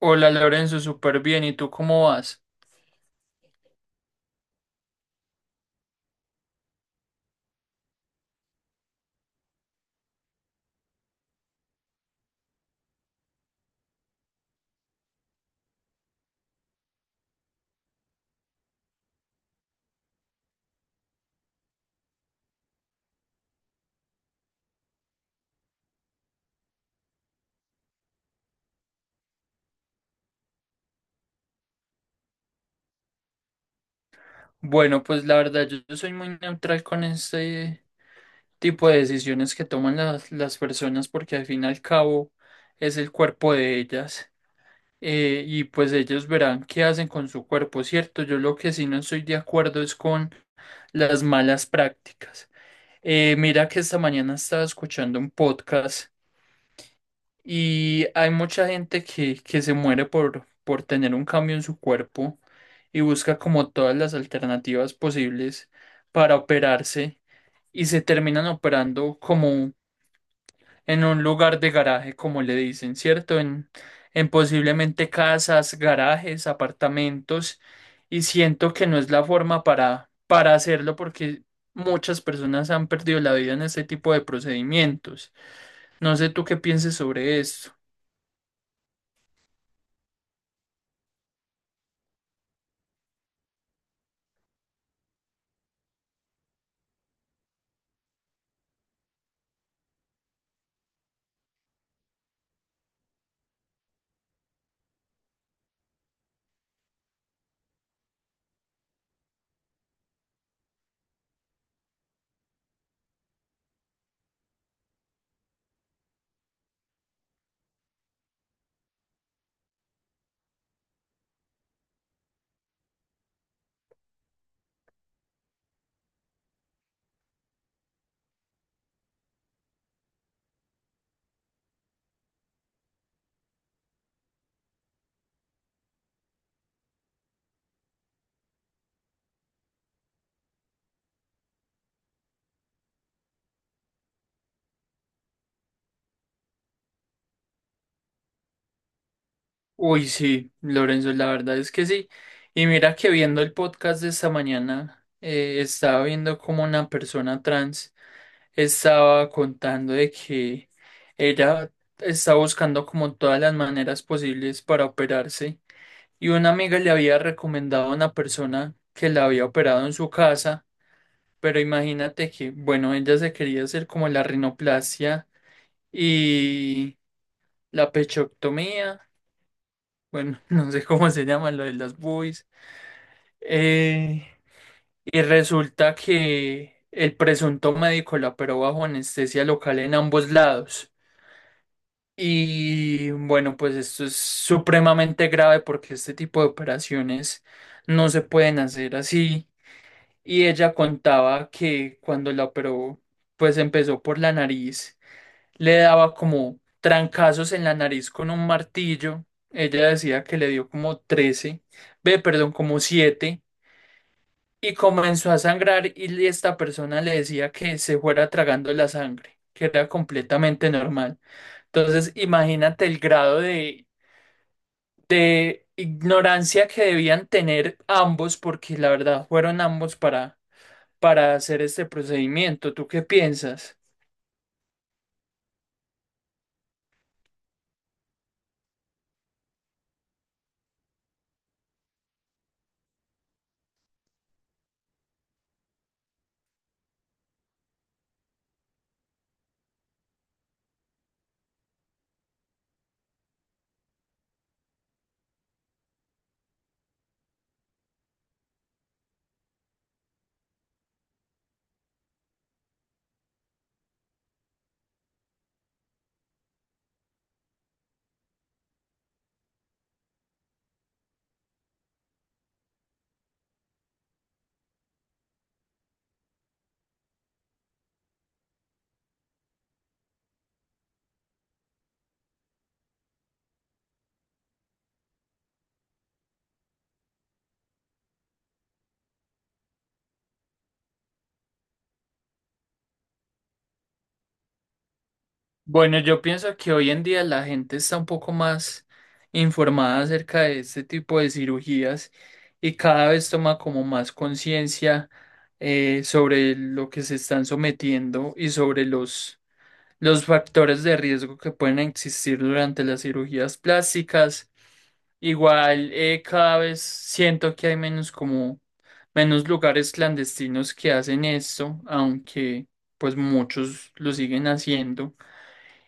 Hola Lorenzo, súper bien. ¿Y tú cómo vas? Bueno, pues la verdad, yo soy muy neutral con este tipo de decisiones que toman las personas porque al fin y al cabo es el cuerpo de ellas, y pues ellos verán qué hacen con su cuerpo, ¿cierto? Yo lo que sí no estoy de acuerdo es con las malas prácticas. Mira que esta mañana estaba escuchando un podcast. Y hay mucha gente que se muere por tener un cambio en su cuerpo y busca como todas las alternativas posibles para operarse y se terminan operando como en un lugar de garaje, como le dicen, ¿cierto? En posiblemente casas, garajes, apartamentos, y siento que no es la forma para hacerlo porque muchas personas han perdido la vida en este tipo de procedimientos. No sé tú qué pienses sobre esto. Uy, sí, Lorenzo, la verdad es que sí. Y mira que viendo el podcast de esta mañana, estaba viendo como una persona trans estaba contando de que ella está buscando como todas las maneras posibles para operarse. Y una amiga le había recomendado a una persona que la había operado en su casa, pero imagínate que, bueno, ella se quería hacer como la rinoplastia y la pechoctomía. Bueno, no sé cómo se llama lo de las buis. Eh, y resulta que el presunto médico la operó bajo anestesia local en ambos lados. Y bueno, pues esto es supremamente grave porque este tipo de operaciones no se pueden hacer así. Y ella contaba que cuando la operó, pues empezó por la nariz, le daba como trancazos en la nariz con un martillo. Ella decía que le dio como 13 ve, perdón, como siete, y comenzó a sangrar y esta persona le decía que se fuera tragando la sangre, que era completamente normal. Entonces, imagínate el grado de ignorancia que debían tener ambos, porque la verdad fueron ambos para hacer este procedimiento. ¿Tú qué piensas? Bueno, yo pienso que hoy en día la gente está un poco más informada acerca de este tipo de cirugías y cada vez toma como más conciencia sobre lo que se están sometiendo y sobre los factores de riesgo que pueden existir durante las cirugías plásticas. Igual, cada vez siento que hay menos, como menos lugares clandestinos que hacen esto, aunque pues muchos lo siguen haciendo.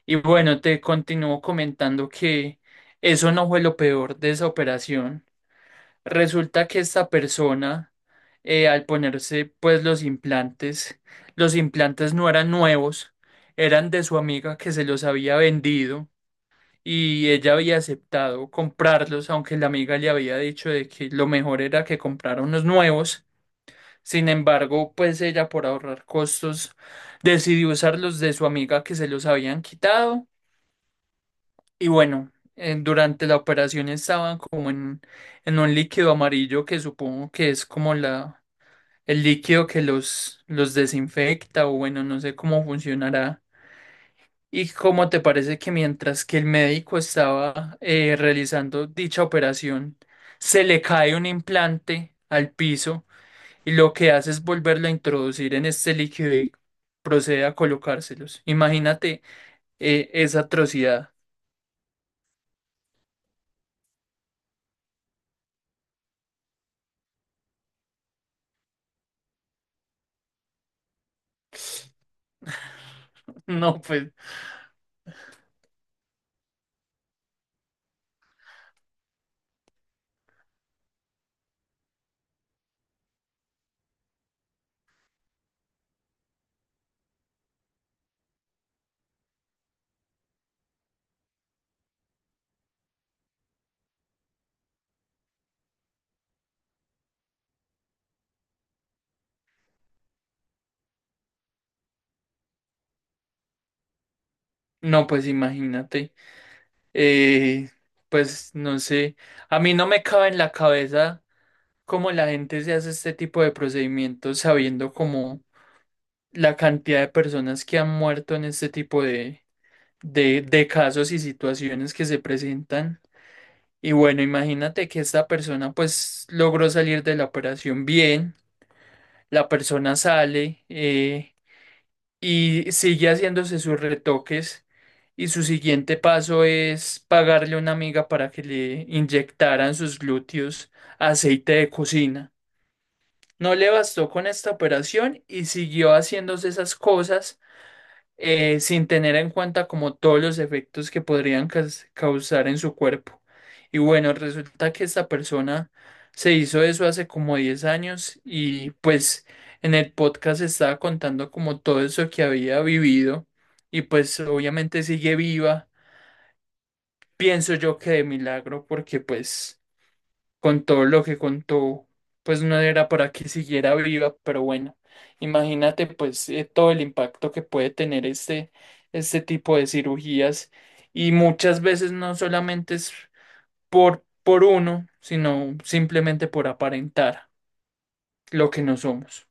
Y bueno, te continúo comentando que eso no fue lo peor de esa operación. Resulta que esta persona, al ponerse pues los implantes no eran nuevos, eran de su amiga que se los había vendido y ella había aceptado comprarlos, aunque la amiga le había dicho de que lo mejor era que comprara unos nuevos. Sin embargo, pues ella por ahorrar costos decidió usar los de su amiga que se los habían quitado. Y bueno, durante la operación estaban como en un líquido amarillo, que supongo que es como la, el líquido que los desinfecta o bueno, no sé cómo funcionará. ¿Y cómo te parece que mientras que el médico estaba realizando dicha operación, se le cae un implante al piso y lo que hace es volverlo a introducir en este líquido y procede a colocárselos? Imagínate esa atrocidad. No, pues. No, pues imagínate, eh, pues no sé, a mí no me cabe en la cabeza cómo la gente se hace este tipo de procedimientos sabiendo como la cantidad de personas que han muerto en este tipo de casos y situaciones que se presentan. Y bueno, imagínate que esta persona pues logró salir de la operación bien, la persona sale, y sigue haciéndose sus retoques y su siguiente paso es pagarle a una amiga para que le inyectaran sus glúteos aceite de cocina. No le bastó con esta operación y siguió haciéndose esas cosas sin tener en cuenta como todos los efectos que podrían causar en su cuerpo. Y bueno, resulta que esta persona se hizo eso hace como 10 años y pues en el podcast estaba contando como todo eso que había vivido y pues obviamente sigue viva. Pienso yo que de milagro porque pues con todo lo que contó, pues no era para que siguiera viva, pero bueno, imagínate pues todo el impacto que puede tener este, este tipo de cirugías, y muchas veces no solamente es por uno, sino simplemente por aparentar lo que no somos.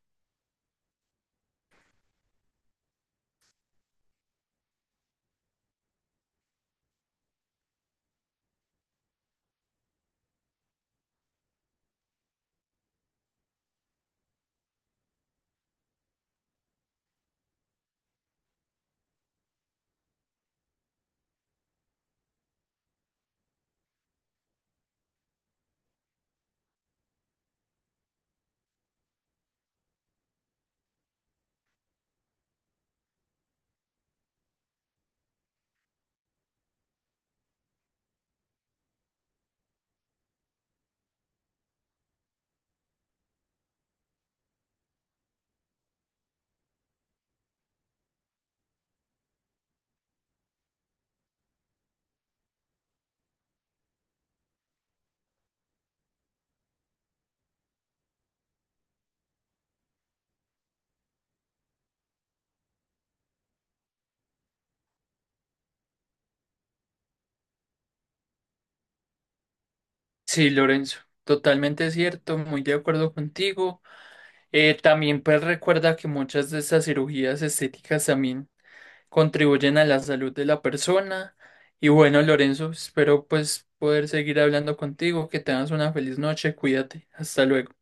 Sí, Lorenzo, totalmente cierto, muy de acuerdo contigo. También pues recuerda que muchas de estas cirugías estéticas también contribuyen a la salud de la persona. Y bueno, Lorenzo, espero pues poder seguir hablando contigo, que tengas una feliz noche, cuídate, hasta luego.